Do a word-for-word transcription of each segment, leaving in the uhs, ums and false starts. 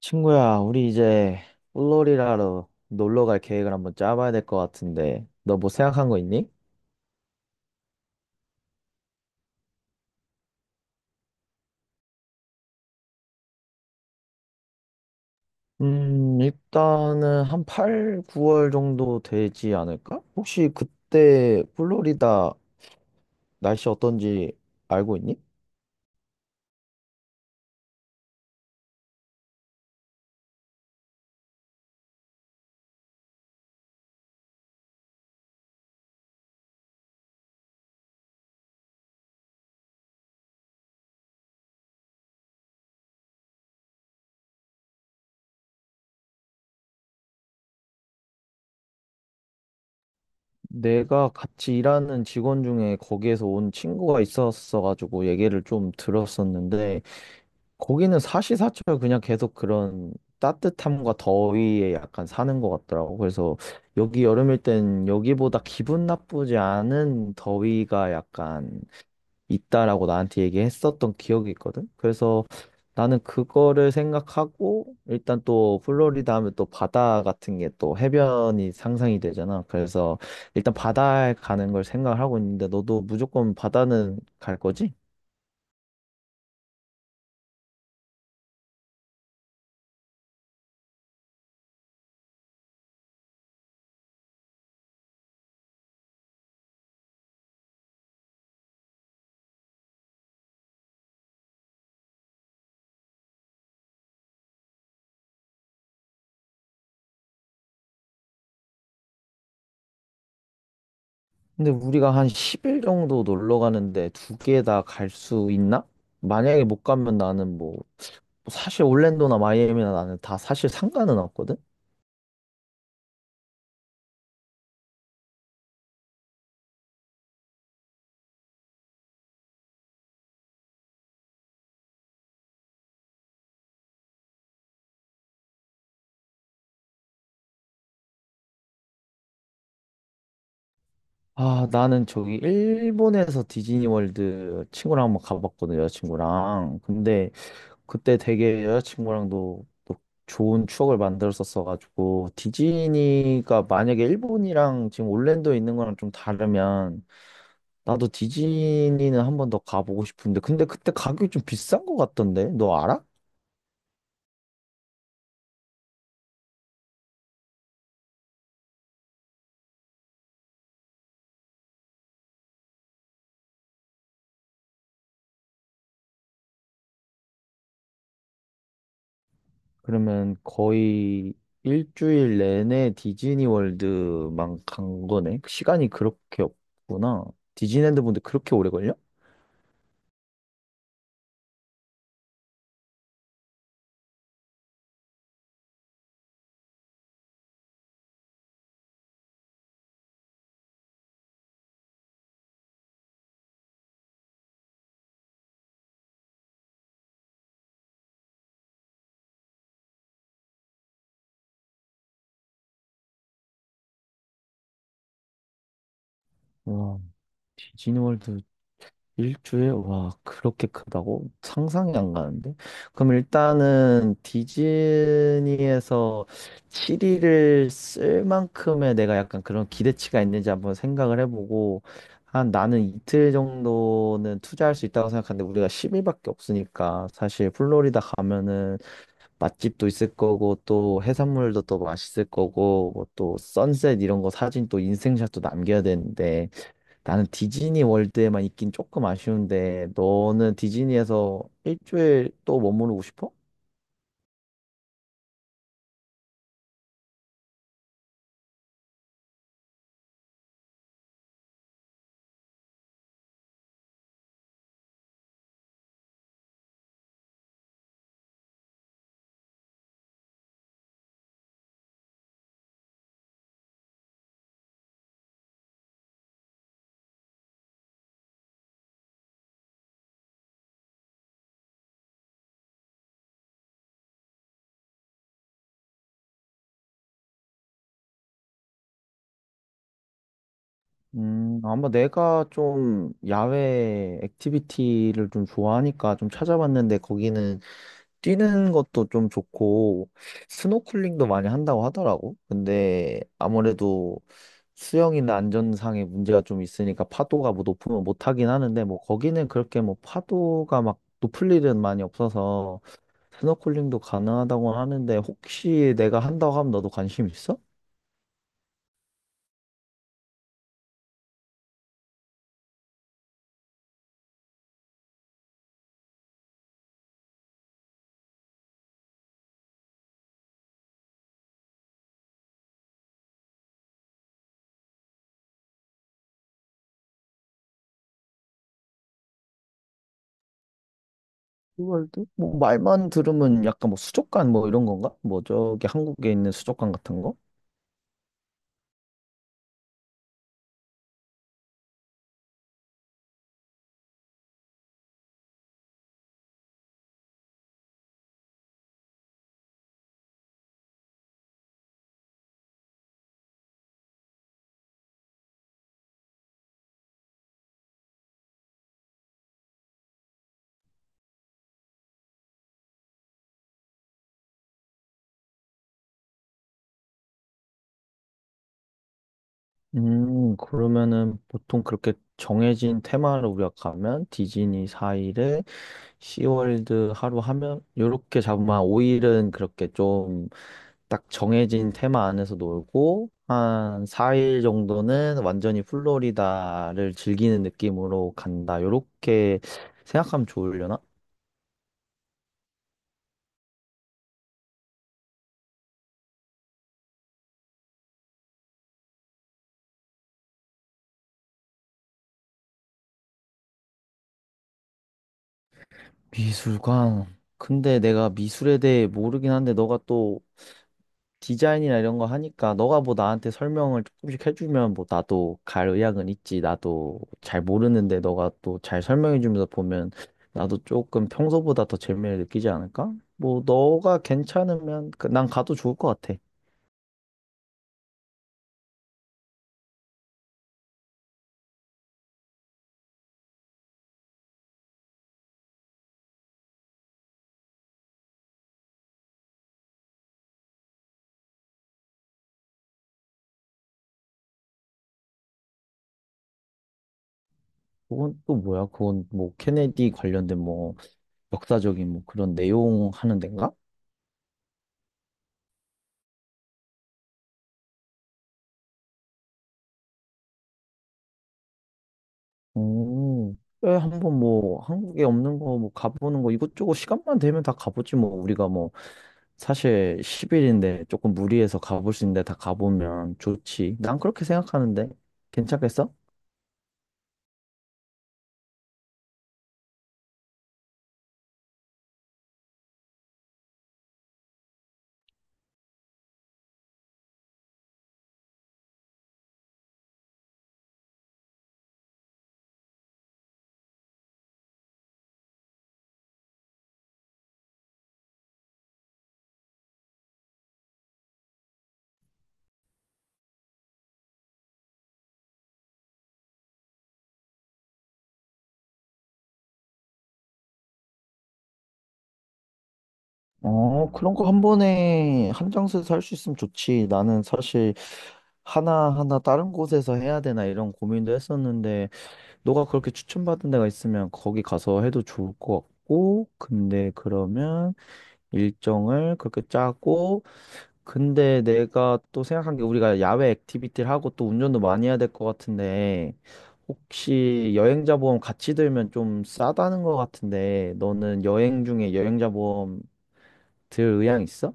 친구야, 우리 이제 플로리다로 놀러 갈 계획을 한번 짜봐야 될 것 같은데, 너 뭐 생각한 거 있니? 음, 일단은 한 팔, 구 월 정도 되지 않을까? 혹시 그때 플로리다 날씨 어떤지 알고 있니? 내가 같이 일하는 직원 중에 거기에서 온 친구가 있었어가지고 얘기를 좀 들었었는데, 거기는 사시사철 그냥 계속 그런 따뜻함과 더위에 약간 사는 것 같더라고. 그래서 여기 여름일 땐 여기보다 기분 나쁘지 않은 더위가 약간 있다라고 나한테 얘기했었던 기억이 있거든. 그래서 나는 그거를 생각하고 일단 또 플로리다 하면 또 바다 같은 게 또 해변이 상상이 되잖아. 그래서 일단 바다에 가는 걸 생각을 하고 있는데 너도 무조건 바다는 갈 거지? 근데 우리가 한 십 일 정도 놀러 가는데 두 개 다 갈 수 있나? 만약에 못 가면 나는 뭐 사실 올랜도나 마이애미나 나는 다 사실 상관은 없거든. 아, 나는 저기 일본에서 디즈니월드 친구랑 한번 가봤거든, 여자친구랑. 근데 그때 되게 여자친구랑도 또 좋은 추억을 만들었었어가지고 디즈니가 만약에 일본이랑 지금 올랜도에 있는 거랑 좀 다르면 나도 디즈니는 한 번 더 가보고 싶은데, 근데 그때 가격이 좀 비싼 것 같던데? 너 알아? 그러면 거의 일주일 내내 디즈니 월드만 간 거네? 시간이 그렇게 없구나. 디즈니랜드 분들 그렇게 오래 걸려? 와, 디즈니 월드 일주일? 와, 그렇게 크다고? 상상이 안 가는데? 그럼 일단은 디즈니에서 칠 일을 쓸 만큼의 내가 약간 그런 기대치가 있는지 한번 생각을 해보고, 한 나는 이틀 정도는 투자할 수 있다고 생각하는데, 우리가 십 일밖에 없으니까, 사실 플로리다 가면은 맛집도 있을 거고, 또 해산물도 또 맛있을 거고, 뭐 또 선셋 이런 거 사진 또 인생샷도 남겨야 되는데, 나는 디즈니 월드에만 있긴 조금 아쉬운데, 너는 디즈니에서 일주일 또 머무르고 싶어? 음, 아마 내가 좀 야외 액티비티를 좀 좋아하니까 좀 찾아봤는데, 거기는 뛰는 것도 좀 좋고, 스노클링도 많이 한다고 하더라고. 근데 아무래도 수영이나 안전상의 문제가 좀 있으니까 파도가 뭐 높으면 못 하긴 하는데, 뭐 거기는 그렇게 뭐 파도가 막 높을 일은 많이 없어서, 스노클링도 가능하다고 하는데 혹시 내가 한다고 하면 너도 관심 있어? 스월드? 뭐 말만 들으면 약간 뭐 수족관 뭐 이런 건가? 뭐 저기 한국에 있는 수족관 같은 거? 음, 그러면은 보통 그렇게 정해진 테마를 우리가 가면 디즈니 사 일에 시월드 하루 하면 요렇게 잡으면 한 오 일은 그렇게 좀 딱 정해진 테마 안에서 놀고 한 사 일 정도는 완전히 플로리다를 즐기는 느낌으로 간다. 요렇게 생각하면 좋으려나? 미술관. 근데 내가 미술에 대해 모르긴 한데 너가 또 디자인이나 이런 거 하니까 너가 뭐 나한테 설명을 조금씩 해주면 뭐 나도 갈 의향은 있지. 나도 잘 모르는데 너가 또 잘 설명해주면서 보면 나도 조금 평소보다 더 재미를 느끼지 않을까? 뭐 너가 괜찮으면 그- 난 가도 좋을 것 같아. 그건 또 뭐야? 그건 뭐 케네디 관련된 뭐 역사적인 뭐 그런 내용 하는 데인가? 오, 왜 한번 뭐 한국에 없는 거 뭐 가보는 거 이것저것 시간만 되면 다 가보지 뭐 우리가 뭐 사실 십 일인데 조금 무리해서 가볼 수 있는데 다 가보면 좋지. 난 그렇게 생각하는데 괜찮겠어? 어, 그런 거 한 번에 한 장소에서 할 수 있으면 좋지. 나는 사실 하나하나 다른 곳에서 해야 되나 이런 고민도 했었는데, 너가 그렇게 추천받은 데가 있으면 거기 가서 해도 좋을 것 같고, 근데 그러면 일정을 그렇게 짜고, 근데 내가 또 생각한 게 우리가 야외 액티비티를 하고 또 운전도 많이 해야 될 것 같은데, 혹시 여행자 보험 같이 들면 좀 싸다는 것 같은데, 너는 여행 중에 여행자 보험 들 의향 있어?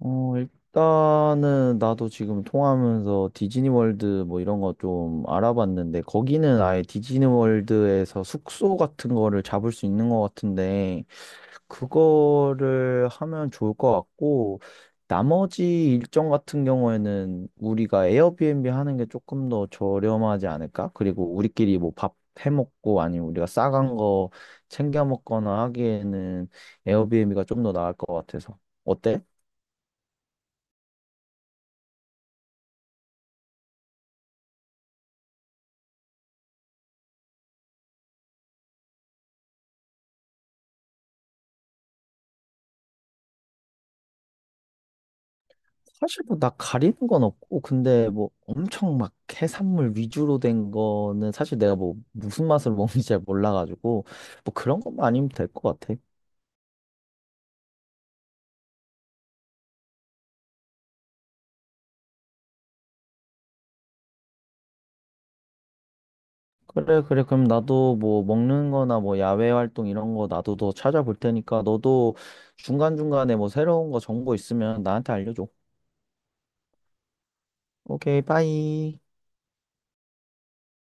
어, 일단은 나도 지금 통화하면서 디즈니 월드 뭐 이런 거 좀 알아봤는데 거기는 아예 디즈니 월드에서 숙소 같은 거를 잡을 수 있는 것 같은데 그거를 하면 좋을 것 같고 나머지 일정 같은 경우에는 우리가 에어비앤비 하는 게 조금 더 저렴하지 않을까? 그리고 우리끼리 뭐 밥 해먹고 아니면 우리가 싸간 거 챙겨 먹거나 하기에는 에어비앤비가 좀 더 나을 것 같아서 어때? 사실 뭐 나 가리는 건 없고 근데 뭐 엄청 막 해산물 위주로 된 거는 사실 내가 뭐 무슨 맛을 먹는지 잘 몰라가지고 뭐 그런 것만 아니면 될 것 같아. 그래 그래, 그럼 나도 뭐 먹는 거나 뭐 야외 활동 이런 거 나도 더 찾아볼 테니까 너도 중간중간에 뭐 새로운 거 정보 있으면 나한테 알려줘. 오케이, 빠이.